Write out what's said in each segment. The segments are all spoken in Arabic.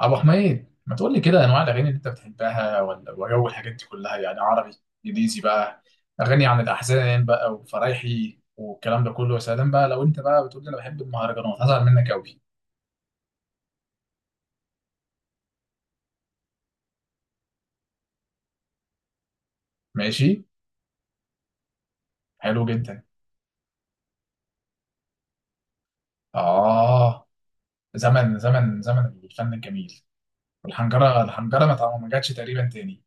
ابو حميد، ما تقول لي كده انواع الاغاني اللي انت بتحبها؟ ولا وجو الحاجات دي كلها، يعني عربي، انجليزي بقى، اغاني عن الاحزان بقى وفرايحي والكلام ده كله. يا سلام بقى، لو انت بقى بتقول لي انا بحب المهرجانات هزعل منك قوي. ماشي. حلو جدا. اه، زمن زمن زمن الفن الجميل. والحنجره ما جاتش تقريبا تاني.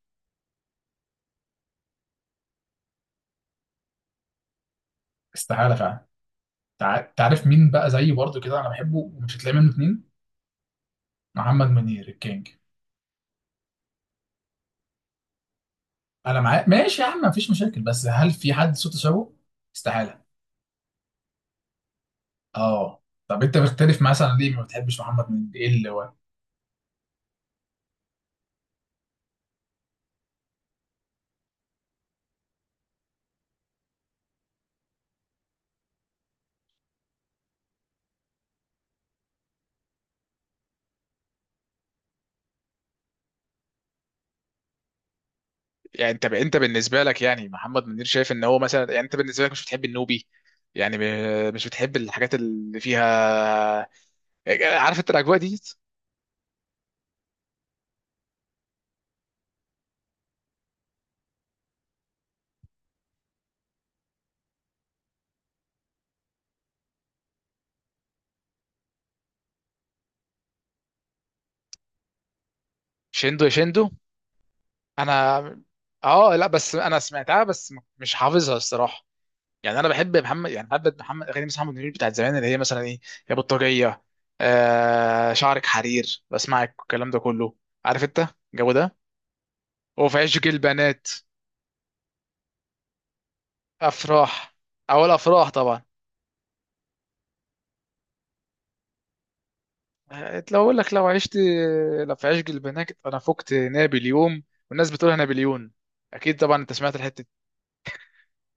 استحاله فعلا. تعرف مين بقى زيي برضو كده انا بحبه ومش هتلاقي منه اتنين؟ محمد منير الكينج. انا معاك، ماشي يا عم، مفيش مشاكل، بس هل في حد صوته شبهه؟ استحالة. اه طب انت بتختلف مثلا ليه؟ ما بتحبش محمد منير، ايه اللي هو؟ يعني انت بالنسبه لك، يعني محمد منير شايف ان هو مثلا، يعني انت بالنسبه لك مش بتحب النوبي، يعني مش بتحب الحاجات اللي فيها، عارف انت الاجواء دي. شندو يا شندو. انا، اه لا بس انا سمعتها بس مش حافظها الصراحه. يعني انا بحب محمد، يعني بحب محمد، اغاني محمد منير بتاعت زمان، اللي هي مثلا ايه، يا بطاريه، آه شعرك حرير، بسمعك الكلام ده كله، عارف انت الجو ده. هو في عشق البنات. افراح، اول افراح طبعا. لو اقول لك لو عشت، لو في عشق البنات انا فقت نابليون، والناس بتقولها نابليون، اكيد طبعا انت سمعت الحته دي.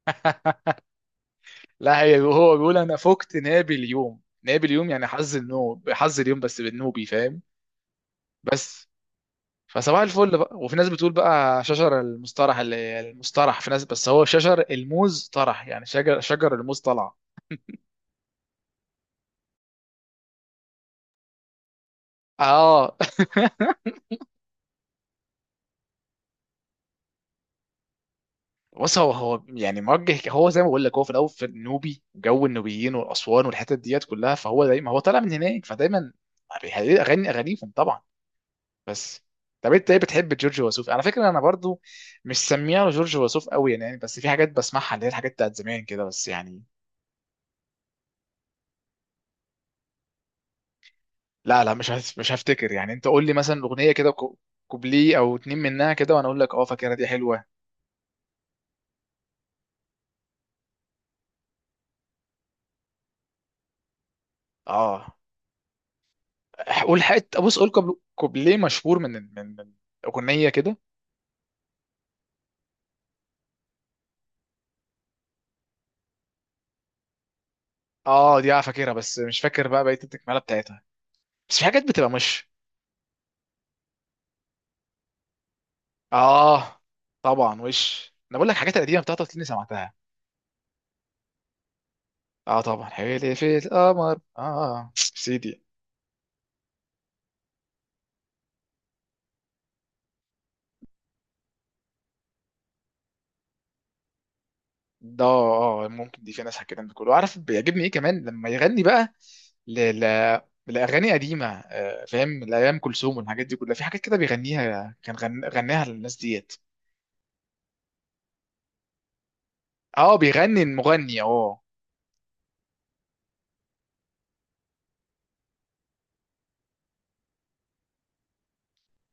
لا هي هو بيقول انا فقت نابليون. نابليون يعني حظ النوم، حظ اليوم بس، بالنوبي، فاهم. بس فصباح الفل بقى. وفي ناس بتقول بقى شجر المسترح، اللي المسترح، في ناس بس هو شجر الموز طرح، يعني شجر الموز طلع. اه بص، هو هو يعني موجه، هو زي ما بقول لك، هو في الاول في النوبي، جو النوبيين والاسوان والحتت ديت كلها، فهو دايما هو طالع من هناك، فدايما بيغني اغانيهم طبعا. بس. طب انت ايه بتحب جورج وسوف؟ على فكره انا برضو مش سميها جورج وسوف قوي يعني، بس في حاجات بسمعها اللي هي الحاجات بتاعت زمان كده، بس يعني. لا مش هفتكر يعني، انت قول لي مثلا اغنيه كده، كوبليه او اتنين منها كده وانا اقول لك اه فاكرها دي حلوه. اه قول حته، بص قول كوبليه مشهور من اغنيه كده. اه دي، اه فاكرها بس مش فاكر بقى بقيه التكمله بتاعتها. بس في حاجات بتبقى مش. اه طبعا، وش انا بقول لك، حاجات القديمه بتاعتها اللي سمعتها. اه طبعا، حبيبي في القمر، اه سيدي. ده اه ممكن دي، في ناس الكلام ده كله. عارف بيعجبني ايه كمان لما يغني بقى، ل... ل... لاغاني قديمه، فاهم، لايام كلثوم والحاجات دي كلها. في حاجات كده بيغنيها، كان غناها للناس ديت. اه، بيغني المغني، اه.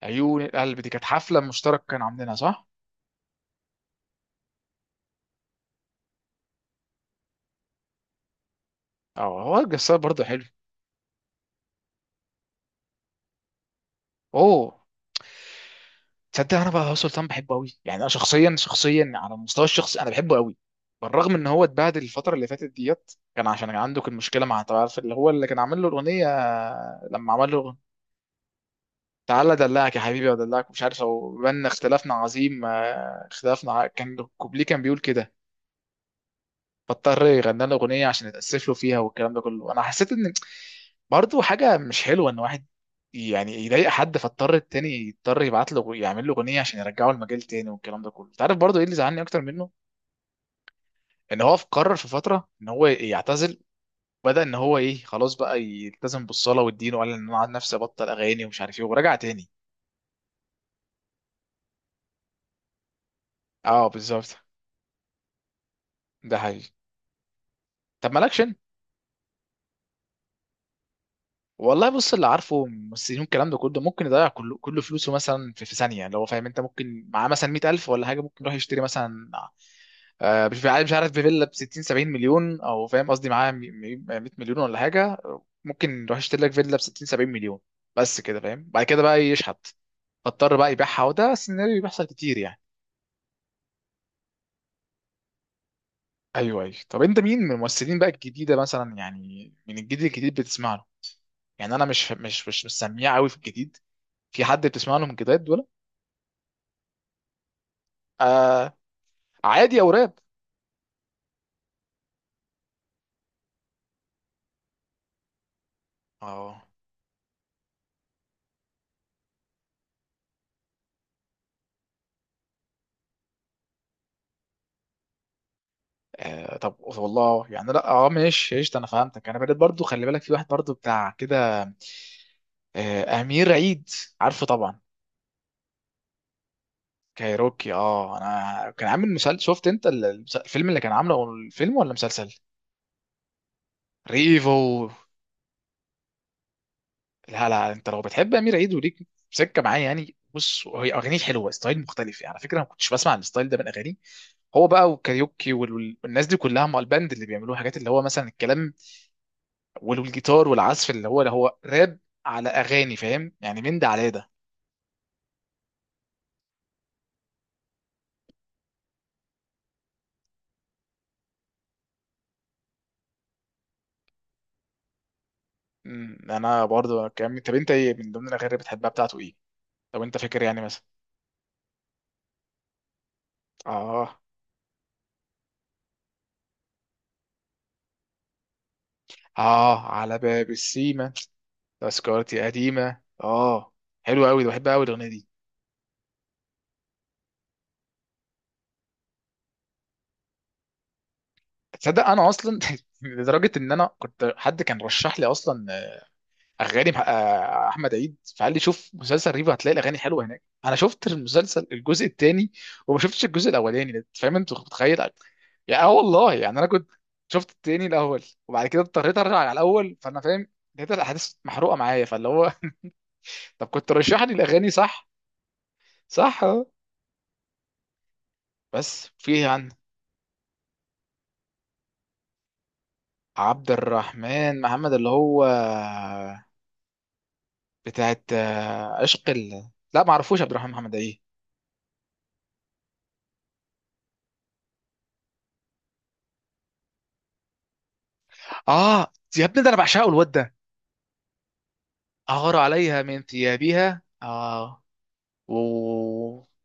عيون القلب دي كانت حفله مشترك، كانوا عاملينها، صح؟ اه هو الجسار برضه حلو. اوه. تصدق انا بقى سلطان بحبه قوي، يعني انا شخصيا، شخصيا على المستوى الشخصي انا بحبه قوي، بالرغم ان هو اتبهدل الفتره اللي فاتت ديت، كان عشان كان عنده، كان مشكله مع، انت عارف اللي هو اللي كان عامل له الاغنيه، لما عمل له تعالى ادلعك يا حبيبي وادلعك، مش عارف هو، بان اختلافنا عظيم، اختلافنا كان الكوبليه كان بيقول كده. فاضطر يغني له اغنيه عشان يتاسف له فيها والكلام ده كله. انا حسيت ان برضه حاجه مش حلوه ان واحد يعني يضايق حد، فاضطر التاني يضطر يبعت له يعمل له اغنيه عشان يرجعه المجال تاني والكلام ده كله. انت عارف برضه ايه اللي زعلني اكتر منه؟ ان هو قرر في فتره ان هو يعتزل، بدأ ان هو ايه، خلاص بقى يلتزم بالصلاه والدين، وقال ان انا عن نفسي ابطل اغاني ومش عارف ايه، ورجع تاني. اه بالظبط. ده حقيقي. طب مالكش انت. والله بص، اللي عارفه ممثلين الكلام ده كله ممكن يضيع كل فلوسه مثلا في, في ثانيه. لو هو فاهم، انت ممكن معاه مثلا 100,000 ولا حاجه، ممكن يروح يشتري مثلا، مش عارف بفيلا ب 60 70 مليون، او فاهم قصدي، معاه 100 مليون ولا حاجه، ممكن يروح يشتري لك فيلا ب 60 70 مليون بس كده، فاهم، بعد كده بقى يشحت فاضطر بقى يبيعها. وده سيناريو بيحصل كتير يعني. ايوه ايوه. طب انت مين من الممثلين بقى الجديده مثلا، يعني من الجديد الجديد بتسمع له؟ يعني انا مش سميع قوي في الجديد. في حد بتسمع له من الجداد ولا عادي او راب؟ اه. آه طب والله يعني لا، اه ماشي قشطه، انا فهمتك. انا بدأت برضو، خلي بالك في واحد برضو بتاع كده، آه امير عيد، عارفه طبعا. كايروكي، اه، انا كان عامل مسلسل، شفت انت الفيلم اللي كان عامله، أو الفيلم ولا مسلسل ريفو؟ لا لا، انت لو بتحب امير عيد وليك سكه معاه، يعني بص هي اغانيه حلوه، ستايل مختلف يعني، على فكره انا ما كنتش بسمع الستايل ده من اغانيه. هو بقى وكاريوكي والناس دي كلها مع الباند اللي بيعملوه، حاجات اللي هو مثلا الكلام والجيتار والعزف اللي هو، اللي هو راب على اغاني، فاهم يعني، من ده على ده. انا برضه طب انت ايه من ضمن الاغاني اللي بتحبها بتاعته ايه، لو انت فاكر يعني مثلا؟ اه اه، على باب السيما، تذكرتي قديمه، اه. حلو قوي، ده بحبها قوي الاغنيه دي. تصدق انا اصلا لدرجه ان انا كنت، حد كان رشح لي اصلا احمد عيد، فقال لي شوف مسلسل ريفو هتلاقي الاغاني حلوه هناك. انا شفت المسلسل الجزء الثاني وما شفتش الجزء الاولاني ده. فاهم انت، متخيل يعني، اه والله يعني انا كنت شفت التاني الاول وبعد كده اضطريت ارجع على الاول. فانا فاهم لقيت الاحداث محروقه معايا، فاللي هو طب كنت رشح لي الاغاني، صح؟ صح اه. بس في، عن عبد الرحمن محمد اللي هو بتاعت، عشق لا ما اعرفوش عبد الرحمن محمد، ايه؟ اه يا ابني ده انا بعشقه الواد ده. أغار عليها من ثيابها، آه، و،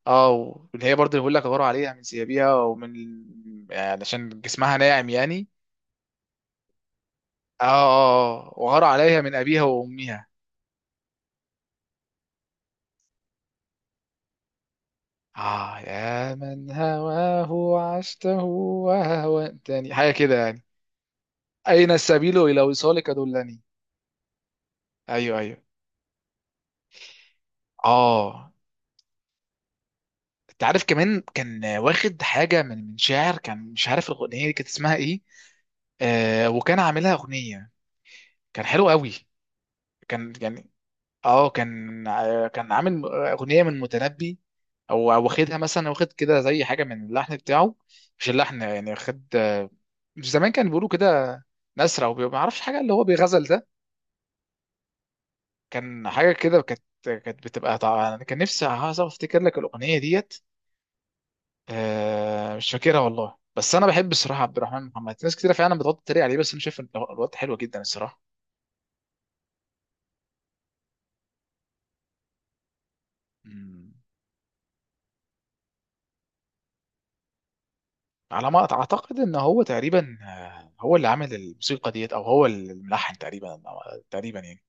اه اللي هي برضه بيقول لك أغار عليها من ثيابها ومن، يعني عشان جسمها ناعم يعني. اه اه آه. وغار عليها من أبيها وأمها. اه يا من هواه عشته وهوتني، حاجة كده يعني. أين السبيل إلى وصالك دلني. أيوه أيوه. اه انت عارف كمان كان واخد حاجة من، من شاعر، كان مش عارف الأغنية دي كانت اسمها ايه، آه وكان عاملها أغنية. كان حلو قوي، كان يعني، اه، كان كان عامل اغنيه من متنبي، او او واخدها مثلا، واخد كده زي حاجه من اللحن بتاعه، مش اللحن يعني، واخد، مش زمان كان بيقولوا كده، نسرة وما اعرفش حاجه اللي هو بيغزل ده. كان حاجه كده، كانت كانت بتبقى، طبعا انا كان نفسي عايز افتكر لك الاغنيه ديت. آه مش فاكرها والله، بس انا بحب الصراحه عبد الرحمن محمد. ناس كتير فعلا بتقعد تتريق عليه بس انا شايف إن الواد حلو جدا الصراحه. مم. على ما اعتقد ان هو تقريبا، هو اللي عامل الموسيقى ديت، او هو الملحن تقريبا تقريبا يعني.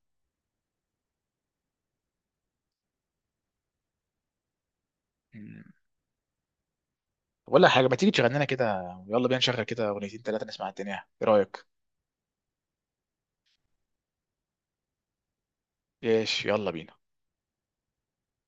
مم. ولا حاجه، ما تيجي تشغل لنا كده، يلا بينا نشغل كده اغنيتين ثلاثه نسمع الدنيا، ايه رايك؟ ايش، يلا بينا.